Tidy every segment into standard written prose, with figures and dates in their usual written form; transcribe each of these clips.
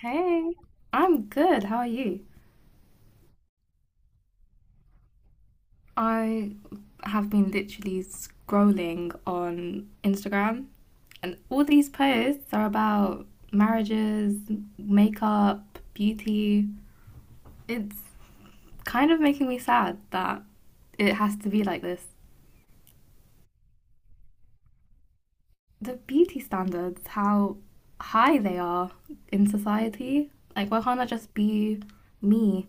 Hey, I'm good. How are you? I have been literally scrolling on Instagram, and all these posts are about marriages, makeup, beauty. It's kind of making me sad that it has to be like this. The beauty standards, how high they are in society. Like, why can't I just be me?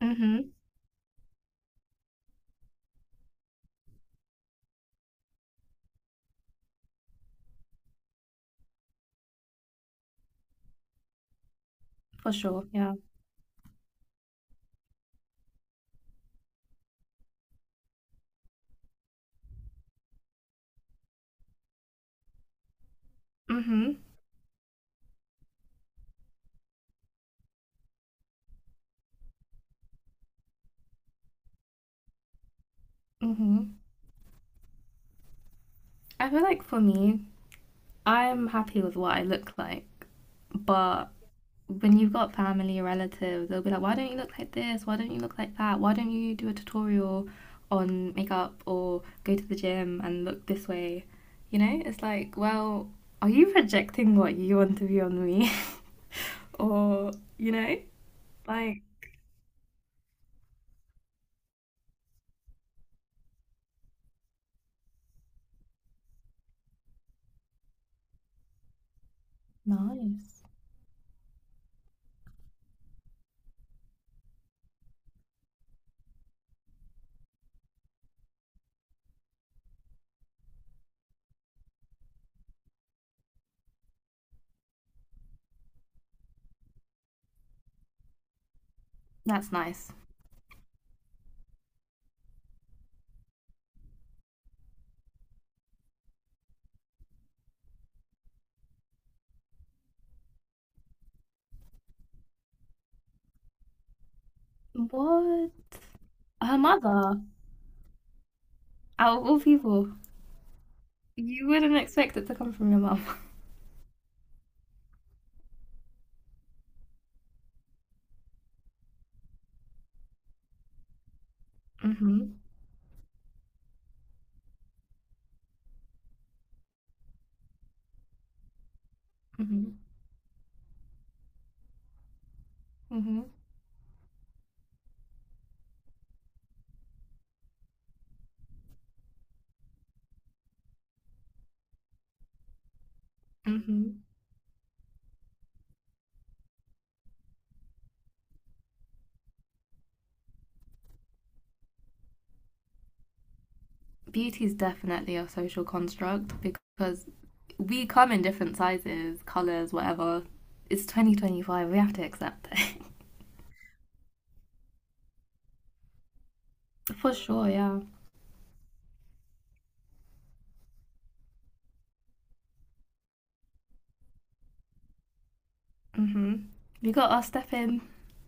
Mm-hmm. For sure, yeah. Mm-hmm. Mm-hmm. I feel like for me, I'm happy with what I look like, but when you've got family or relatives, they'll be like, why don't you look like this? Why don't you look like that? Why don't you do a tutorial on makeup or go to the gym and look this way? You know, it's like, well, are you projecting what you want to be on me? Or, you know, like, nice. That's nice. What? Her mother, out of all people, you wouldn't expect it to come from your mum. Hmm. Hmm. Hmm. Hmm. Beauty is definitely a social construct because we come in different sizes, colors, whatever. It's 2025. We have to accept it. For sure, yeah. Hmm. We got our step in,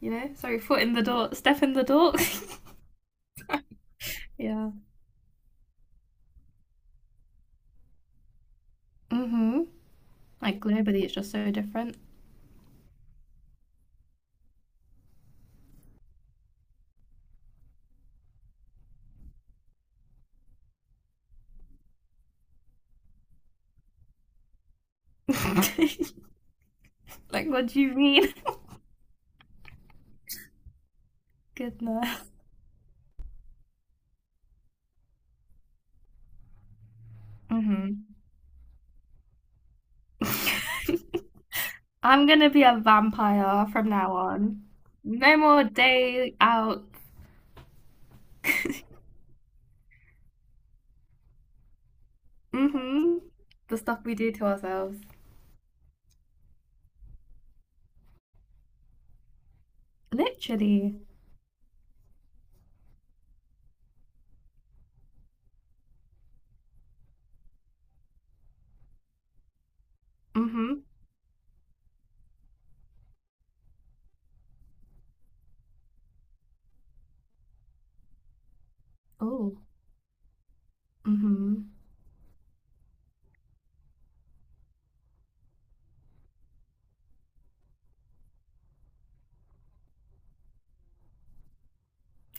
you know? Sorry, foot in the door, step in the door. Yeah. Hmm. Like globally, it's just so different. Like, what do you mean? Goodness. Hmm. I'm gonna be a vampire from now on. No more day out. Mm-hmm. The stuff we do to ourselves. Literally. Mm-hmm. Oh. Mm-hmm.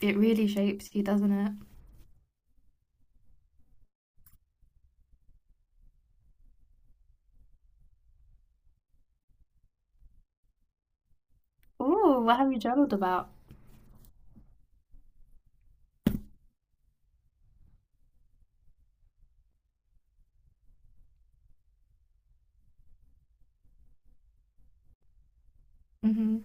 It really shapes you, doesn't it? Ooh, what have you journaled about? Mm-hmm.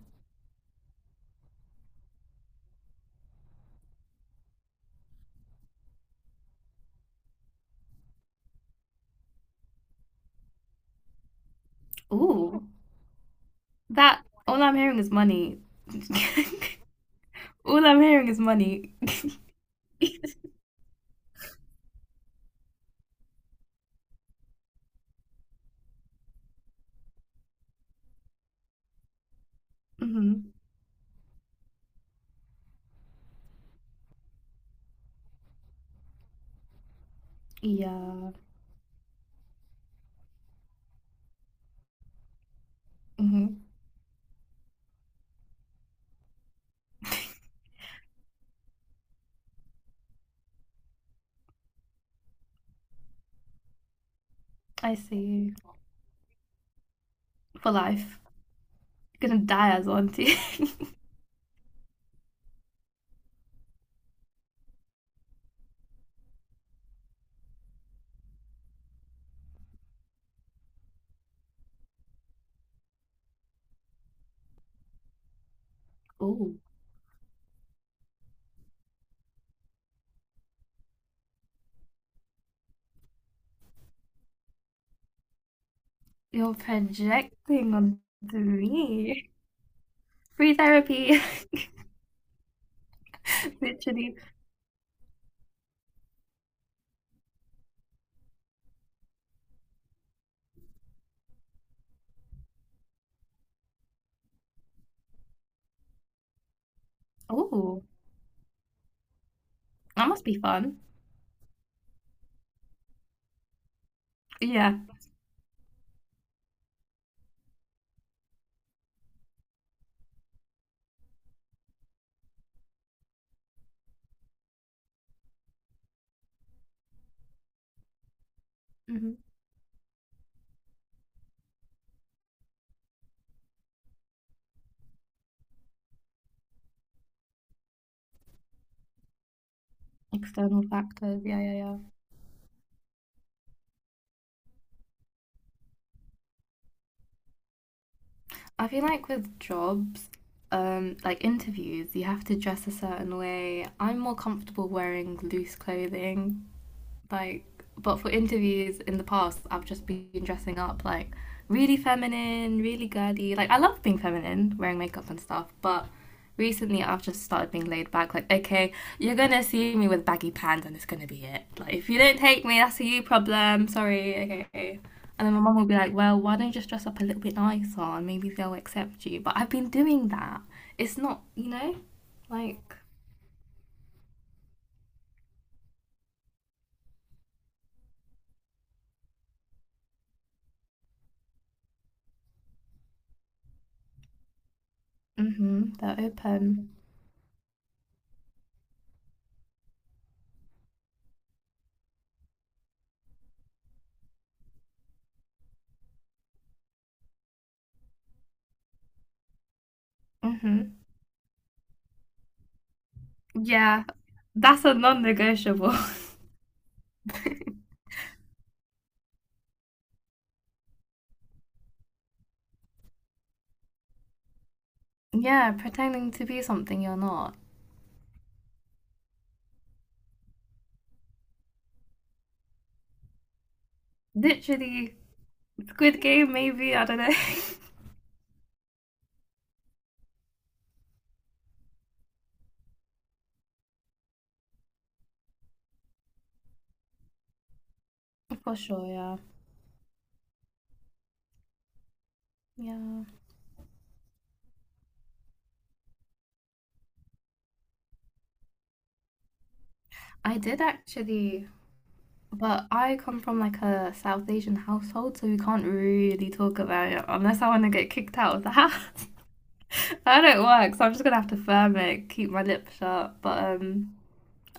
Ooh. That All I'm hearing is money. All I'm hearing is money. Mm-hmm. Yeah. Mm-hmm. I see. For life. You're gonna die as auntie. Ooh. You're projecting onto me. Free therapy, literally. Oh, that must be fun. Yeah. Hmm. External factors, yeah, yeah, yeah. I feel like with jobs, like interviews, you have to dress a certain way. I'm more comfortable wearing loose clothing. Like, but for interviews in the past I've just been dressing up like really feminine, really girly. Like I love being feminine, wearing makeup and stuff, but recently I've just started being laid back. Like, okay, you're gonna see me with baggy pants and it's gonna be it. Like if you don't take me, that's a you problem. Sorry, okay. And then my mum will be like, well, why don't you just dress up a little bit nicer and maybe they'll accept you. But I've been doing that. It's not, like, mm-hmm, they're open. Mm-hmm. Yeah, that's a non negotiable. Yeah, pretending to be something you're not. Literally, Squid Game, maybe, I don't know. For sure, yeah. Yeah. I did actually, but I come from like a South Asian household, so we can't really talk about it unless I want to get kicked out of the house. That don't work, so I'm just gonna have to firm it, keep my lip shut. But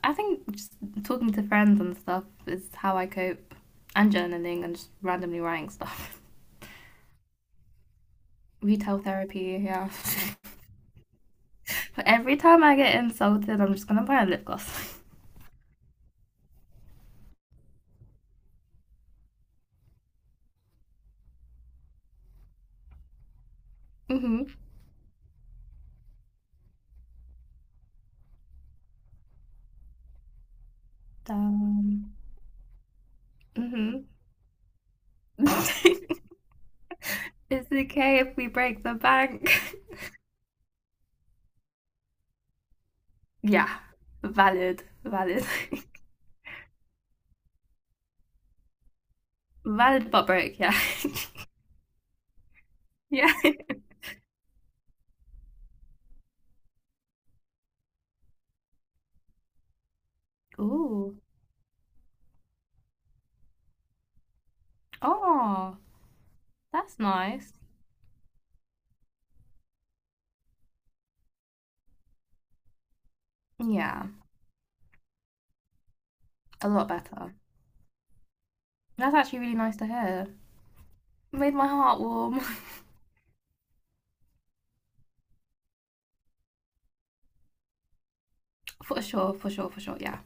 I think just talking to friends and stuff is how I cope, and journaling and just randomly writing stuff. Retail therapy, yeah. But every time I get insulted, I'm just gonna buy a lip gloss. Mm-hmm. Um, mm-hmm. It's okay if we break the bank. Yeah, valid, valid, valid but break. Yeah, yeah. Ooh, oh, that's nice. Yeah, a lot better. That's actually really nice to hear. Made my heart warm. For sure, for sure, for sure. Yeah.